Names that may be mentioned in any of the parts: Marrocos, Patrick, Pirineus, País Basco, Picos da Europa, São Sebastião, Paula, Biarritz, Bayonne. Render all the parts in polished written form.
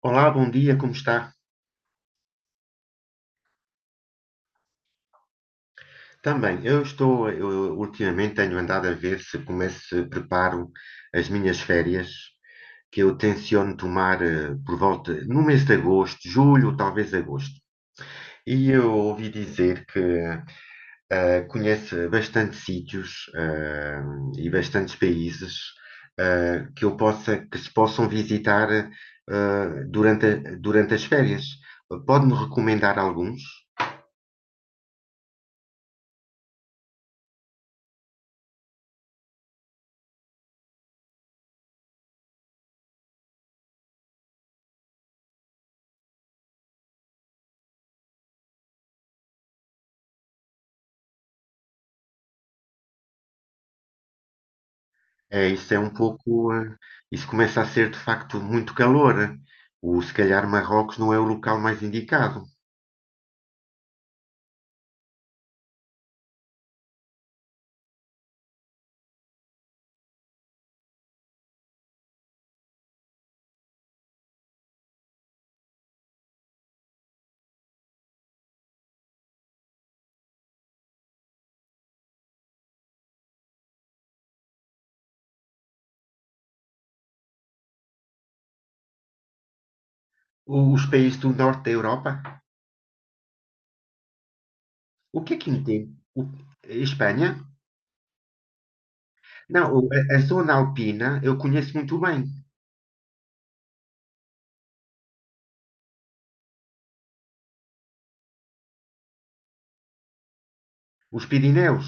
Olá, bom dia, como está? Também, eu ultimamente tenho andado a ver se começo, se preparo as minhas férias, que eu tenciono tomar por volta, no mês de agosto, julho, talvez agosto. E eu ouvi dizer que conhece bastante sítios e bastantes países que eu possa, que se possam visitar durante, durante as férias. Pode-me recomendar alguns? É, isso é um pouco. Isso começa a ser, de facto, muito calor. Eh. O, se calhar Marrocos não é o local mais indicado. Os países do norte da Europa? O que é que entende? Espanha? Não, a zona alpina eu conheço muito bem. Os Pirineus.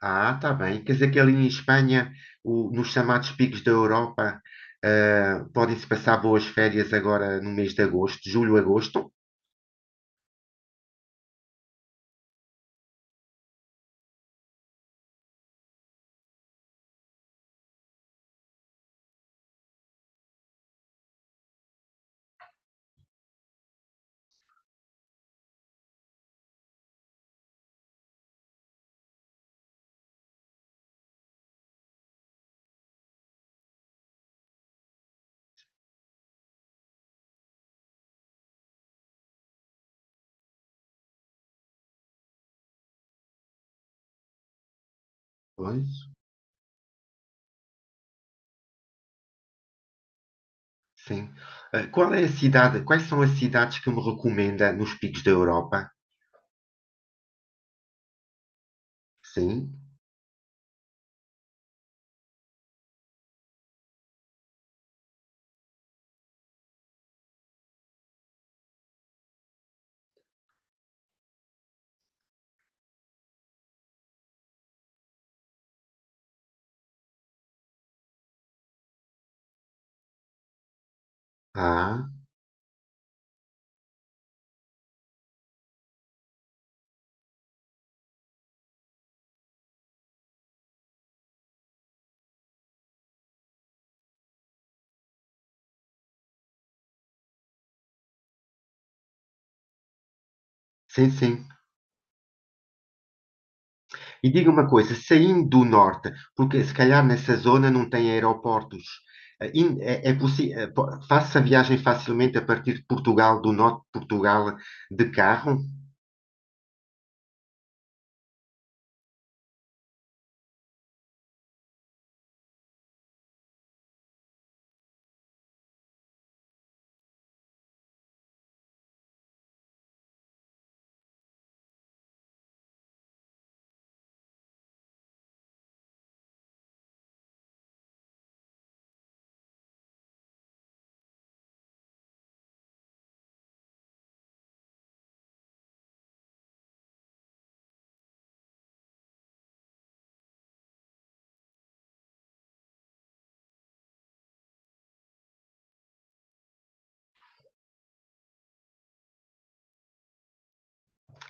Ah, tá bem. Quer dizer que ali em Espanha, nos chamados picos da Europa, podem-se passar boas férias agora no mês de agosto, julho, agosto? Pois. Sim. Eh, qual é a cidade quais são as cidades que me recomenda nos picos da Europa? Sim. Ah, sim, sim. E diga uma coisa, saindo do norte, porque se calhar nessa zona não tem aeroportos, eh, in é é possi eh, po faço a viagem facilmente a partir de Portugal, do norte de Portugal, de carro?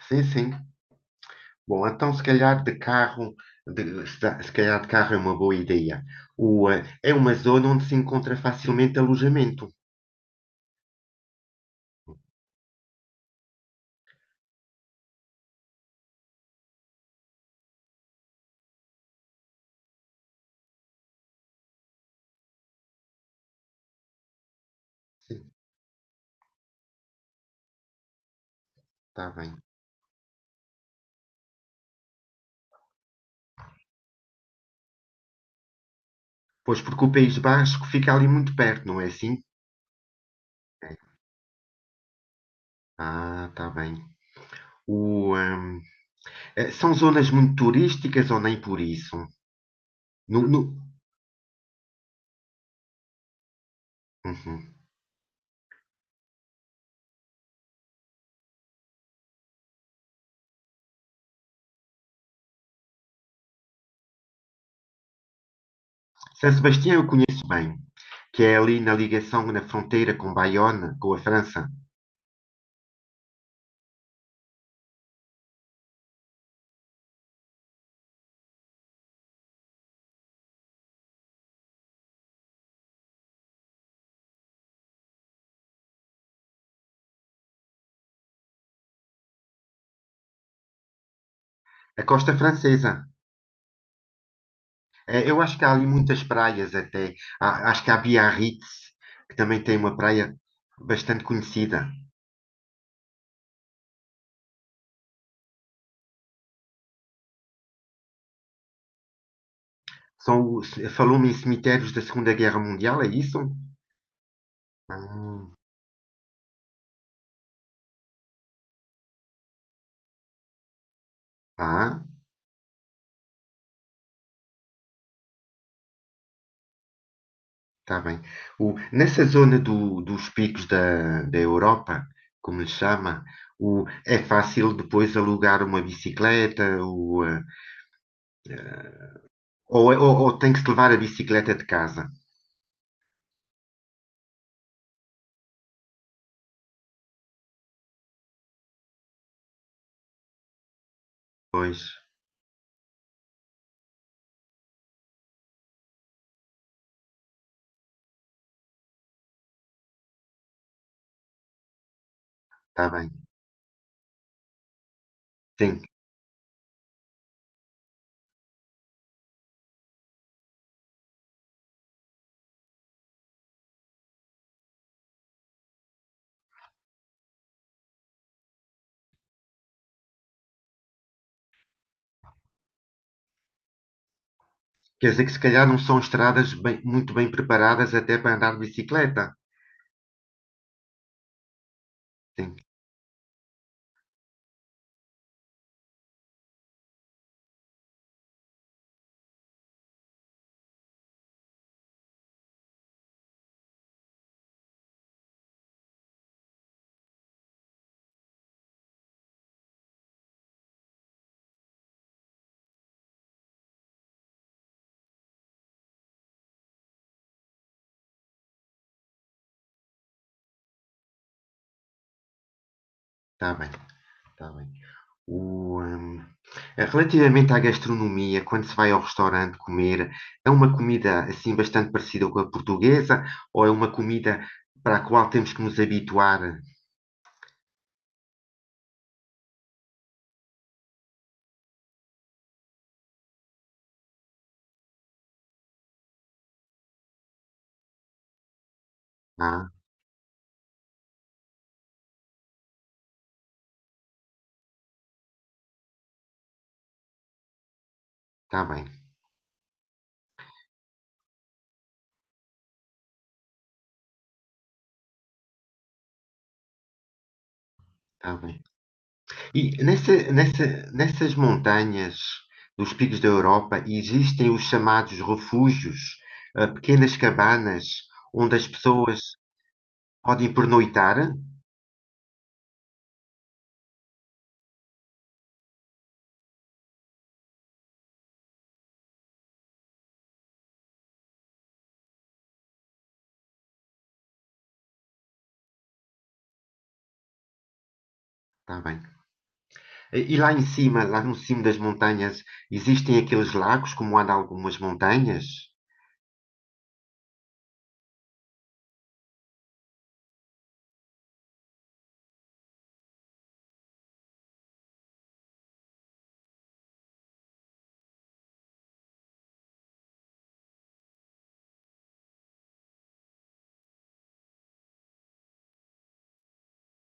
Sim, sim. Bom, então se calhar de carro de se da se calhar de carro é uma boa ideia. O, é uma zona onde se encontra facilmente alojamento. Sim, está bem. Pois, porque o País Basco fica ali muito perto, não é assim? É. Ah, está bem. O, são zonas muito turísticas ou nem por isso? No, no- Uhum. São Sebastião eu conheço bem, que é ali na ligação, na fronteira com Bayonne, com a França, a costa francesa. Eu acho que há ali muitas praias até. Acho que há Biarritz, que também tem uma praia bastante conhecida. São, os- falou-me em cemitérios da Segunda Guerra Mundial, é isso? Ah, ah, está bem. Nessa zona dos picos da Europa, como lhe chama, é fácil depois alugar uma bicicleta o, ou, ou tem que se levar a bicicleta de casa. Pois, está bem. Sim. Quer dizer que se calhar não são estradas muito bem preparadas até para andar de bicicleta. Sim, está bem, está bem. O, relativamente à gastronomia, quando se vai ao restaurante comer, é uma comida assim bastante parecida com a portuguesa ou é uma comida para a qual temos que nos habituar? Ah, está bem, está bem. E nessas montanhas dos picos da Europa existem os chamados refúgios, ah, pequenas cabanas onde as pessoas podem pernoitar? Está bem. E lá em cima, lá no cimo das montanhas, existem aqueles lagos como há de algumas montanhas?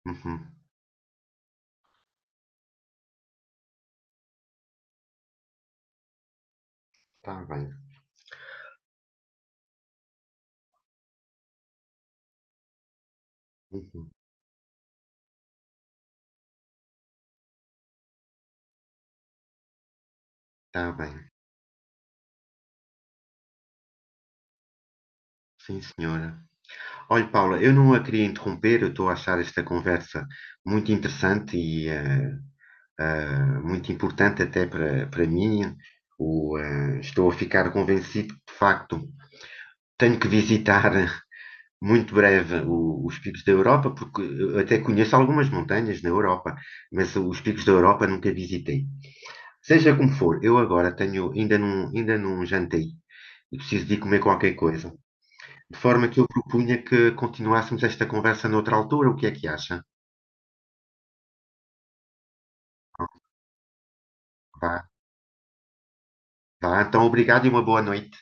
Uhum. Está bem. Uhum. Está bem. Sim, senhora. Olha, Paula, eu não a queria interromper, eu estou a achar esta conversa muito interessante e eh, muito importante até para mim. O, estou a ficar convencido que, de facto, tenho que visitar muito breve os picos da Europa, porque eu até conheço algumas montanhas na Europa, mas os picos da Europa nunca visitei. Seja como for, eu agora tenho, ainda não jantei e preciso de ir comer qualquer coisa. De forma que eu propunha que continuássemos esta conversa noutra altura, o que é que acha? Vá, vá, então obrigado e uma boa noite.